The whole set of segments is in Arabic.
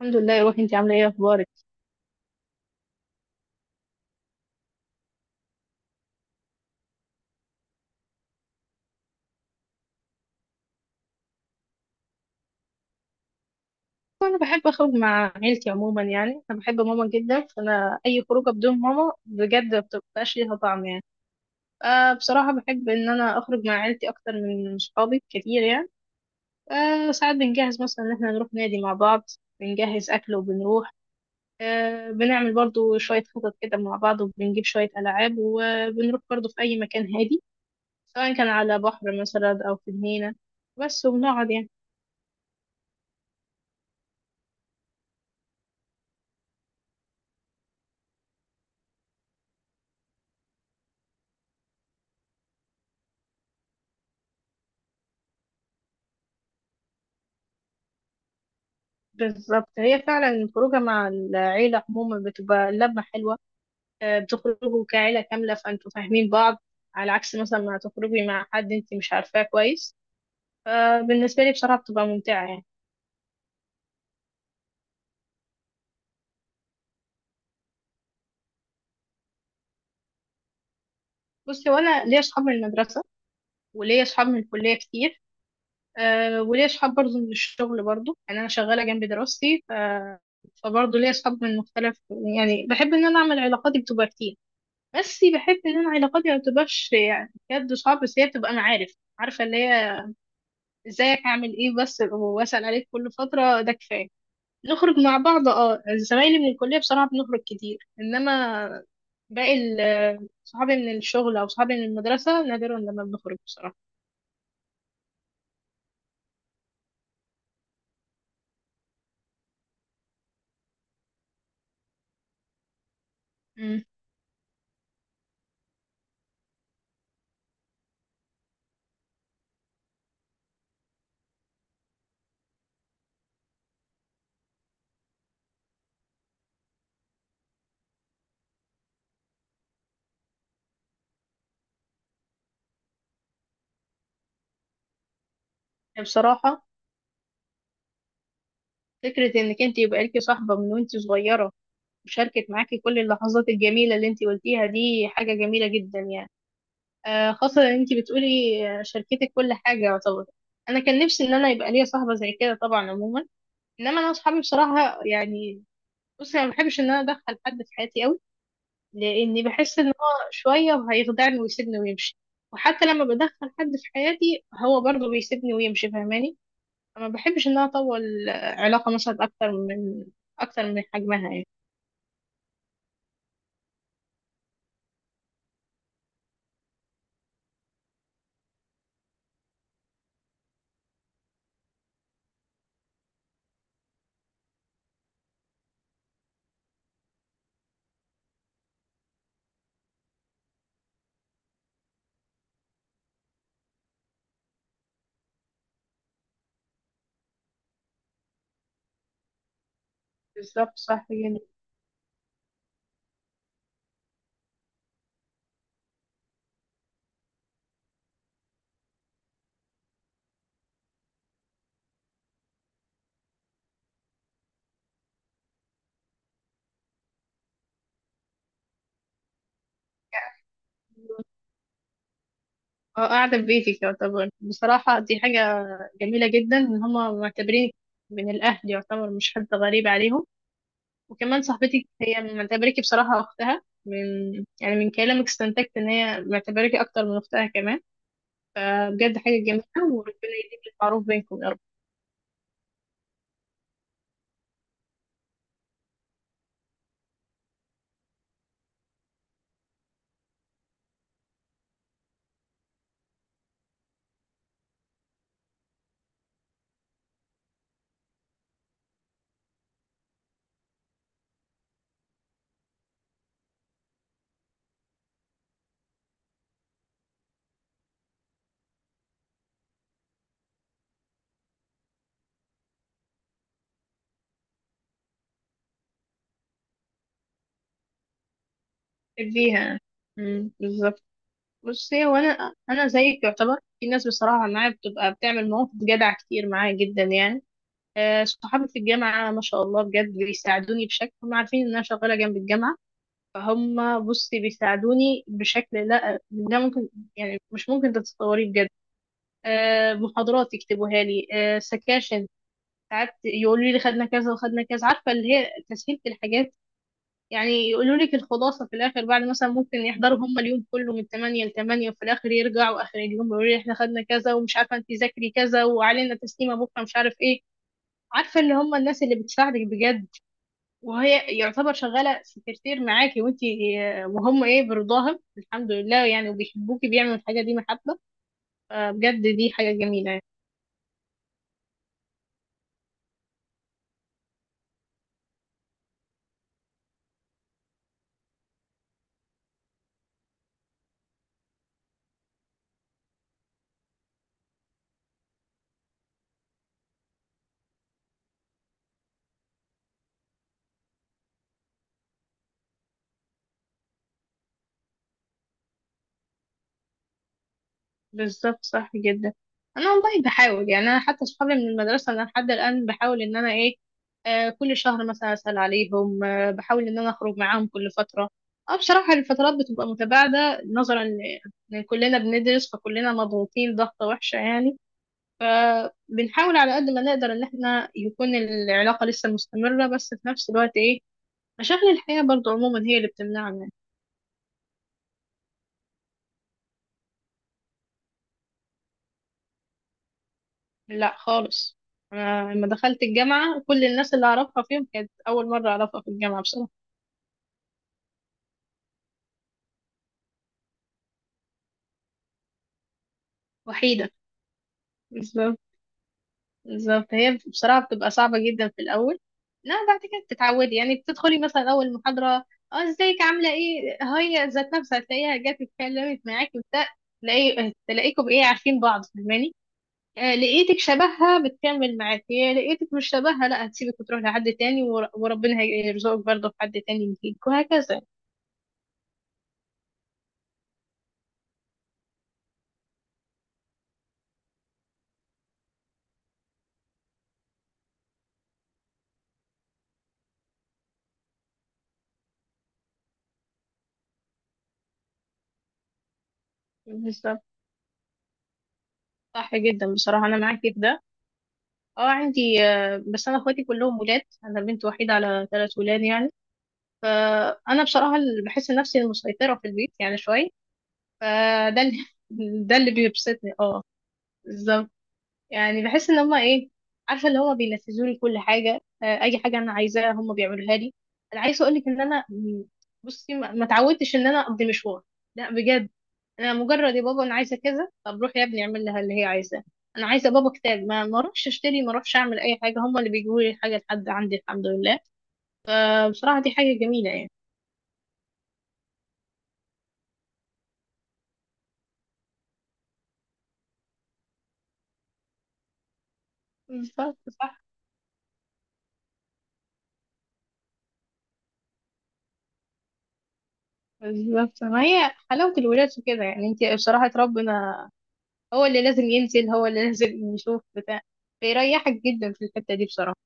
الحمد لله يا روحي، انت عامله ايه؟ اخبارك؟ انا بحب اخرج مع عيلتي عموما، يعني انا بحب ماما جدا، فانا اي خروجه بدون ماما بجد ما بتبقاش ليها طعم يعني. بصراحه بحب ان انا اخرج مع عيلتي اكتر من صحابي كتير يعني. ساعات بنجهز مثلا ان احنا نروح نادي مع بعض. بنجهز اكل وبنروح. بنعمل برضو شويه خطط كده مع بعض، وبنجيب شويه العاب وبنروح برضو في اي مكان هادي، سواء كان على بحر مثلا او في جنينه. بس وبنقعد يعني. بالظبط، هي فعلا الخروجة مع العيلة عموما بتبقى لمة حلوة. بتخرجوا كعيلة كاملة، فانتوا فاهمين بعض، على عكس مثلا ما تخرجي مع حد انت مش عارفاه كويس. فبالنسبة لي بصراحة بتبقى ممتعة يعني. بصي، وانا ليا اصحاب من المدرسة، وليا اصحاب من الكلية كتير. وليا اصحاب برضه من الشغل، برضه يعني انا شغالة جنب دراستي فبرضه ليا اصحاب من مختلف. يعني بحب ان انا اعمل علاقاتي بتبقى كتير، بس بحب ان انا علاقاتي ما بتبقاش يعني بجد صعب، بس هي بتبقى معارف، عارفة اللي هي ازيك عامل ايه، بس واسأل عليك كل فترة، ده كفاية. نخرج مع بعض، زمايلي من الكلية بصراحة بنخرج كتير، انما باقي صحابي من الشغل او صحابي من المدرسة نادرا لما بنخرج بصراحة. مم. بصراحة فكرة انك انت يبقى ليكي صاحبة من وانت صغيرة، وشاركت معاكي كل اللحظات الجميلة اللي انت قلتيها، دي حاجة جميلة جدا يعني. خاصة ان انت بتقولي شاركتك كل حاجة يعتبر. انا كان نفسي ان انا يبقى ليا صاحبة زي كده طبعا عموما، انما انا اصحابي بصراحة يعني. بصي، انا ما بحبش ان انا ادخل حد في حياتي قوي، لاني بحس ان هو شويه هيخدعني ويسيبني ويمشي، وحتى لما بدخل حد في حياتي هو برضه بيسيبني ويمشي فاهماني. ما بحبش ان انا اطول علاقه مثلا اكتر من حجمها يعني. بالظبط صح يعني. اه قاعده في بيتي يعتبر، بصراحه دي حاجه جميله جدا ان هما معتبرين من الاهل يعتبر، مش حد غريب عليهم. وكمان صاحبتي هي معتبراكي بصراحة أختها، من يعني من كلامك استنتجت إن هي معتبراكي أكتر من أختها كمان. بجد حاجة جميلة، وربنا يديم المعروف بينكم يا رب. بيها. بالظبط. بصي، وأنا أنا أنا زيك يعتبر، في ناس بصراحة معايا بتبقى بتعمل مواقف جدع كتير معايا جدا يعني. صحابي في الجامعة ما شاء الله بجد بيساعدوني بشكل، هم عارفين إن أنا شغالة جنب الجامعة، فهم بصي بيساعدوني بشكل لا لا ممكن، يعني مش ممكن تتصوريه بجد. محاضرات يكتبوها لي، سكاشن ساعات يقولوا لي خدنا كذا وخدنا كذا، عارفة اللي هي تسهيل في الحاجات. يعني يقولوا لك الخلاصة في الآخر بعد مثلا، ممكن يحضروا هم اليوم كله من 8 ل 8، وفي الآخر يرجعوا آخر اليوم يقولوا لي احنا خدنا كذا، ومش عارفة انت ذاكري كذا وعلينا تسليمة بكرة مش عارف ايه. عارفة اللي هم الناس اللي بتساعدك بجد. وهي يعتبر شغالة سكرتير معاكي وانتي، وهم ايه برضاهم الحمد لله، يعني وبيحبوكي بيعملوا الحاجة دي محبة. فبجد دي حاجة جميلة. بالظبط صح جدا. انا والله بحاول، يعني انا حتى صحابي من المدرسه انا لحد الان بحاول ان انا ايه، كل شهر مثلا اسال عليهم، بحاول ان انا اخرج معاهم كل فتره. اه بصراحه الفترات بتبقى متباعده نظرا ان كلنا بندرس، فكلنا مضغوطين ضغطه وحشه يعني. فبنحاول على قد ما نقدر ان احنا يكون العلاقه لسه مستمره، بس في نفس الوقت ايه، مشاغل الحياه برضو عموما هي اللي بتمنعنا. لا خالص. أنا لما دخلت الجامعة كل الناس اللي أعرفها فيهم كانت أول مرة أعرفها في الجامعة بصراحة. وحيدة. بالظبط بالظبط، هي بصراحة بتبقى صعبة جدا في الأول. لا بعد كده بتتعودي، يعني بتدخلي مثلا أول محاضرة، اه ازيك عاملة ايه، هي ذات نفسها هتلاقيها جت اتكلمت معاكي وبتاع، تلاقيكم ايه عارفين بعض فاهماني. لقيتك شبهها بتكمل معاكي، لقيتك مش شبهها لا هتسيبك وتروح لحد تاني، وربنا هيرزقك برضه في حد تاني يجيك وهكذا. بالظبط صح جدا، بصراحة أنا معاكي في ده. اه عندي، بس أنا اخواتي كلهم ولاد، أنا بنت وحيدة على ثلاث ولاد يعني. فأنا بصراحة اللي بحس نفسي المسيطرة في البيت يعني شوية. فده اللي ده اللي بيبسطني اه بالظبط. يعني بحس إن هما إيه، عارفة اللي هما بينفذولي كل حاجة. أي حاجة أنا عايزاها هما بيعملوها لي. أنا عايزة أقولك إن أنا بصي ما اتعودتش إن أنا أقضي مشوار، لا بجد. انا مجرد يا بابا انا عايزه كذا، طب روح يا ابني اعمل لها اللي هي عايزاه. انا عايزه بابا كتاب، ما اروحش اشتري، ما اروحش اعمل اي حاجه، هم اللي بيجيبوا لي الحاجه لحد عندي الحمد لله. فبصراحه دي حاجه جميله يعني. بالظبط صح. بالظبط، ما هي حلاوه الولاد في كده يعني، انت بصراحه ربنا. هو اللي لازم ينزل، هو اللي لازم يشوف بتاع، فيريحك جدا في الحته دي بصراحه.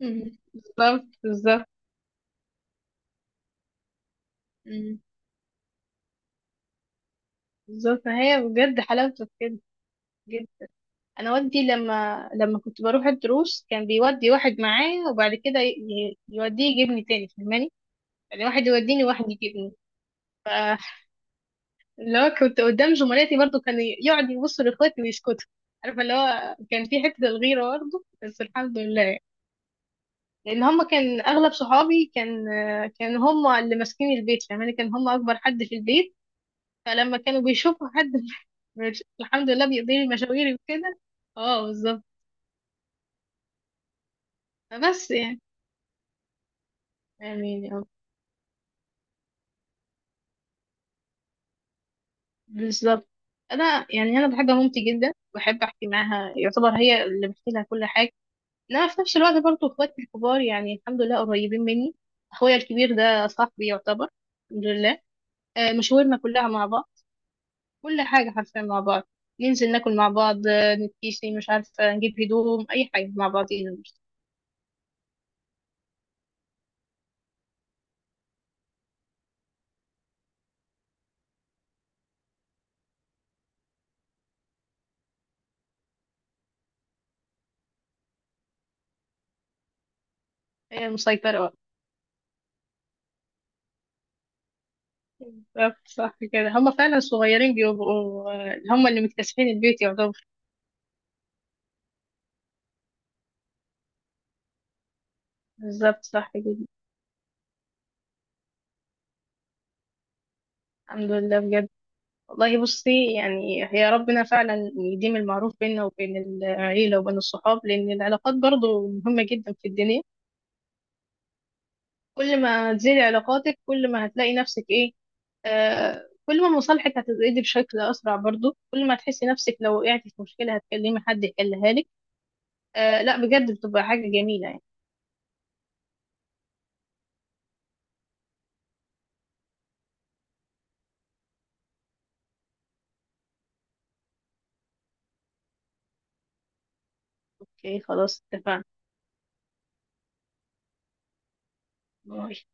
مم. بالظبط بالظبط. مم. بالظبط، ما هي بجد حلاوته في كده. انا والدي لما كنت بروح الدروس كان بيودي واحد معاه، وبعد كده يوديه يجيبني تاني فاهماني، يعني واحد يوديني وواحد يجيبني. اللي هو كنت قدام زملاتي برضو كان يقعد يبص لاخواتي ويسكتوا، عارفه اللي هو كان في حته الغيره برضو، بس الحمد لله. لان هم كان اغلب صحابي كان، كان هم اللي ماسكين البيت فاهماني، كان هم اكبر حد في البيت. فلما كانوا بيشوفوا حد الحمد لله بيقضي لي مشاويري وكده. اه بالظبط، بس يعني. امين. بالظبط. انا يعني انا بحب مامتي جدا، بحب احكي معاها، يعتبر هي اللي بحكي لها كل حاجه. لا في نفس الوقت برضو اخواتي الكبار يعني الحمد لله قريبين مني. اخويا الكبير ده صاحبي يعتبر، الحمد لله. مشاورنا كلها مع بعض، كل حاجه حرفيا مع بعض. ننزل ناكل مع بعض، نتكيسي مش عارفه، نجيب هدوم اي حاجه مع بعضينا. هي مسيطره. بالظبط صح كده، هما فعلا صغيرين بيبقوا، هما اللي مكتسحين البيت يعتبر. بالظبط صح كده. الحمد لله بجد. والله بصي يعني، هي ربنا فعلا يديم المعروف بيننا وبين العيلة وبين الصحاب، لأن العلاقات برضو مهمة جدا في الدنيا. كل ما تزيد علاقاتك كل ما هتلاقي نفسك إيه، كل ما مصالحك هتزيد بشكل أسرع، برضو كل ما تحسي نفسك لو وقعتي في مشكلة هتكلمي حد يحلها لك. لا بجد بتبقى حاجة جميلة يعني. أوكي خلاص، اتفقنا.